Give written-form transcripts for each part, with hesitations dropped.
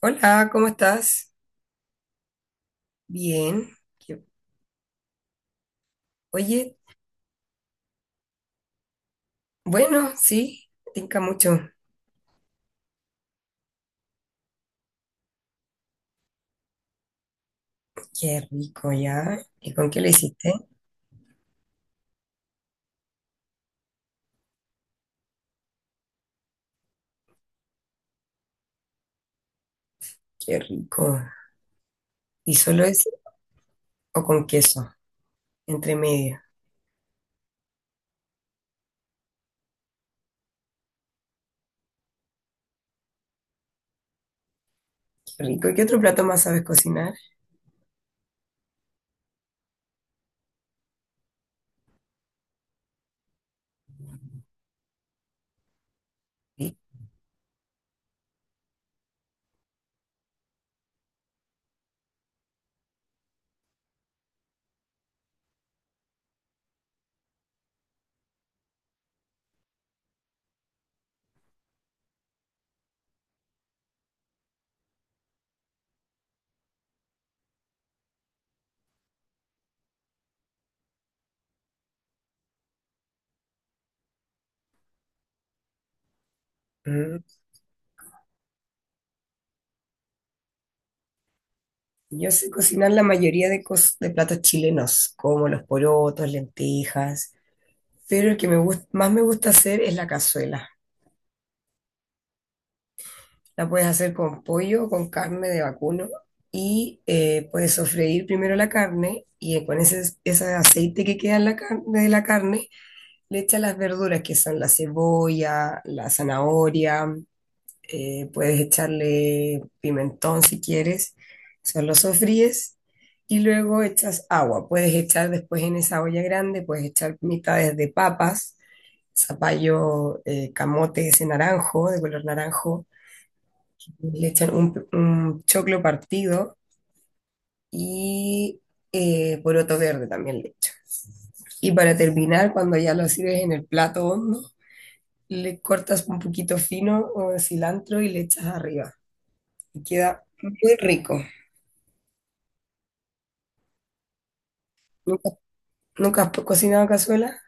Hola, ¿cómo estás? Bien. Qué- Oye, bueno, sí, tinca mucho. Qué rico, ¿ya? ¿Y con qué lo hiciste? Qué rico. ¿Y solo eso o con queso? Entre medio. Qué rico. ¿Y qué otro plato más sabes cocinar? Sí. Mm. Yo sé cocinar la mayoría de platos chilenos, como los porotos, lentejas, pero el que más me gusta hacer es la cazuela. La puedes hacer con pollo o con carne de vacuno y puedes sofreír primero la carne y con ese aceite que queda en la carne, de la carne le echas las verduras que son la cebolla, la zanahoria, puedes echarle pimentón si quieres, solo lo sofríes y luego echas agua. Puedes echar después en esa olla grande, puedes echar mitades de papas, zapallo, camote ese naranjo, de color naranjo le echan un choclo partido y poroto verde también le echan. Y para terminar, cuando ya lo sirves en el plato hondo, le cortas un poquito fino o de cilantro y le echas arriba. Y queda muy rico. ¿Nunca, nunca has cocinado cazuela?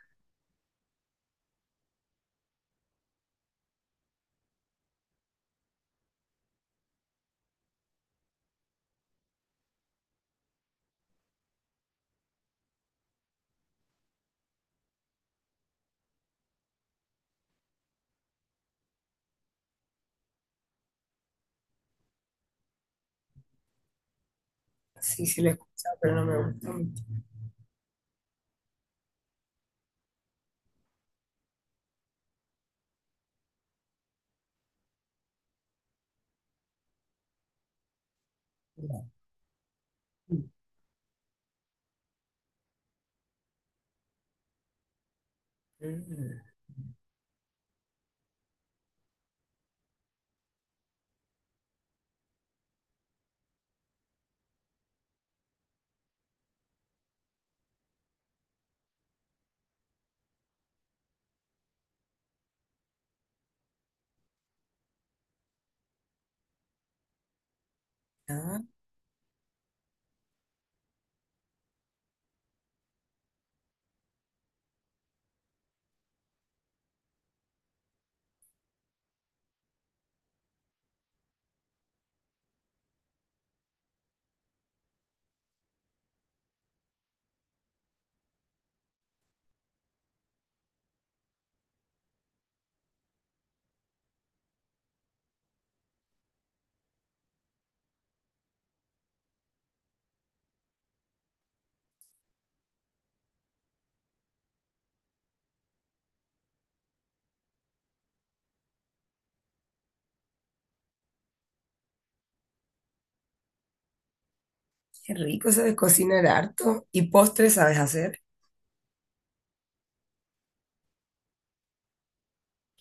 Sí, sí lo he escuchado, pero no me gusta mucho. Mm. Ah, qué rico, sabes cocinar harto. ¿Y postres sabes hacer?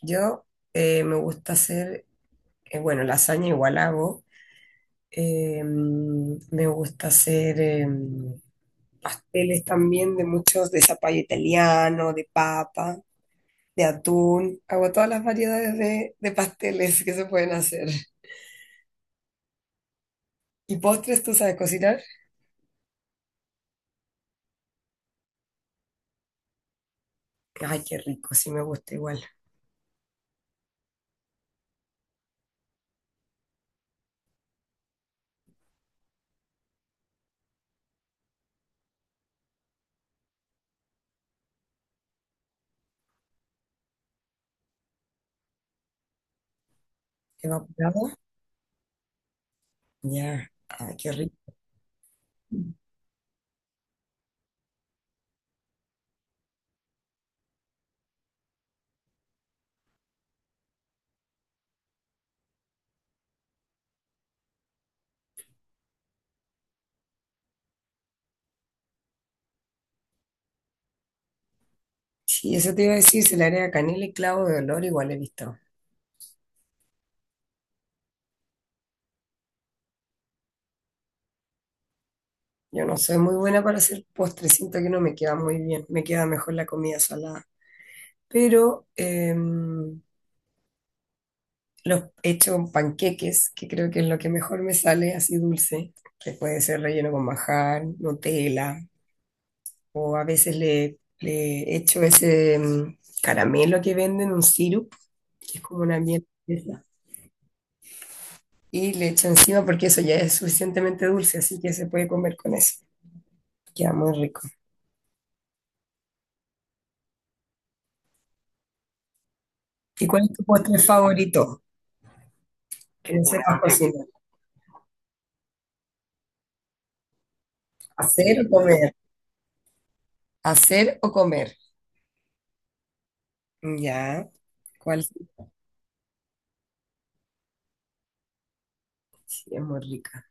Yo me gusta bueno, lasaña igual hago. Me gusta hacer pasteles también de muchos, de zapallo italiano, de papa, de atún. Hago todas las variedades de pasteles que se pueden hacer. ¿Y postres tú sabes cocinar? Ay, qué rico, sí me gusta igual. ¿Evaporado? Ya, ay, qué rico. Sí, eso te iba a decir, se le agrega canela y clavo de olor, igual he visto. Yo no soy muy buena para hacer postres, siento que no me queda muy bien, me queda mejor la comida salada. Pero los hecho con panqueques, que creo que es lo que mejor me sale así dulce, que puede ser relleno con majar, Nutella, o a veces le echo ese caramelo que venden, un sirup, que es como una miel espesa, y le echo encima porque eso ya es suficientemente dulce, así que se puede comer con eso. Queda muy rico. ¿Y cuál es tu postre favorito? Que no. Bueno, sepas cocinar. ¿Hacer o comer? ¿Hacer o comer? Ya, ¿cuál? Sí, es muy rica.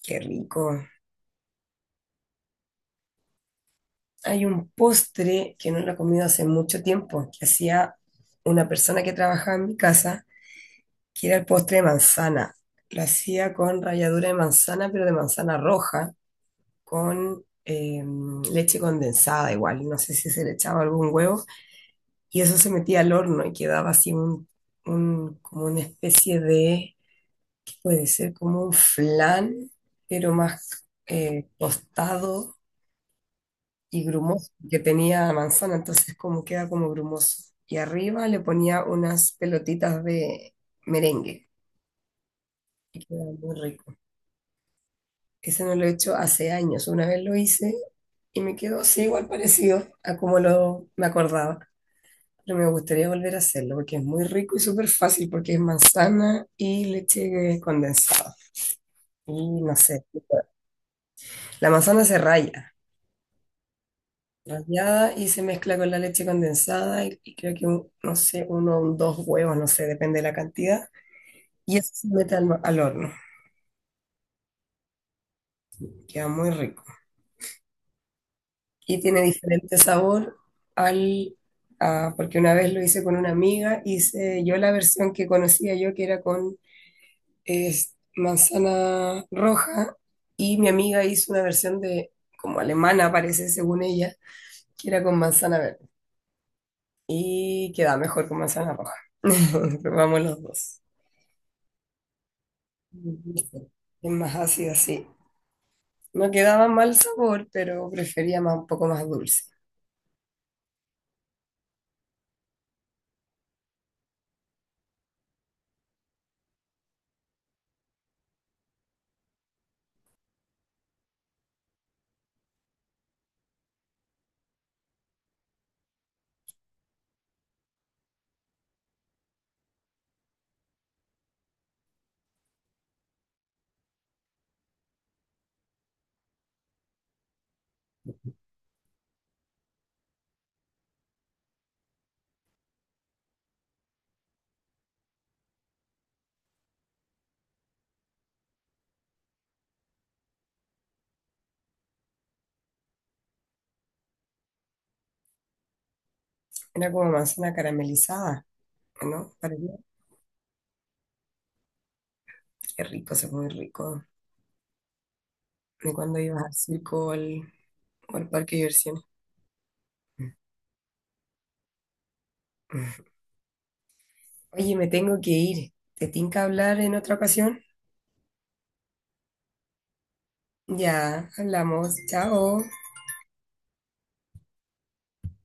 Qué rico. Hay un postre que no lo he comido hace mucho tiempo, que hacía una persona que trabajaba en mi casa, que era el postre de manzana. Lo hacía con ralladura de manzana, pero de manzana roja, con leche condensada igual. No sé si se le echaba algún huevo. Y eso se metía al horno y quedaba así como una especie de, puede ser como un flan, pero más tostado y grumoso, que tenía manzana, entonces como queda como grumoso. Y arriba le ponía unas pelotitas de merengue y queda muy rico. Ese no lo he hecho hace años, una vez lo hice y me quedó así igual parecido a como lo me acordaba. Pero me gustaría volver a hacerlo porque es muy rico y súper fácil porque es manzana y leche condensada. Y no sé, la manzana se raya. Rallada y se mezcla con la leche condensada y creo que, no sé, uno o dos huevos, no sé, depende de la cantidad. Y eso se mete al horno, queda muy rico. Y tiene diferente sabor al... a- porque una vez lo hice con una amiga, hice yo la versión que conocía yo, que era con manzana roja, y mi amiga hizo una versión de, como alemana parece, según ella, que era con manzana verde. Y queda mejor con manzana roja. Probamos los dos. Dulce, es más ácido, sí. No quedaba mal sabor, pero prefería más, un poco más dulce. Era como manzana caramelizada, ¿no? Parecía qué rico, se muy rico. De cuando ibas al circo o al parque de diversiones. Oye, me tengo que ir. ¿Te tinca hablar en otra ocasión? Ya, hablamos. Chao.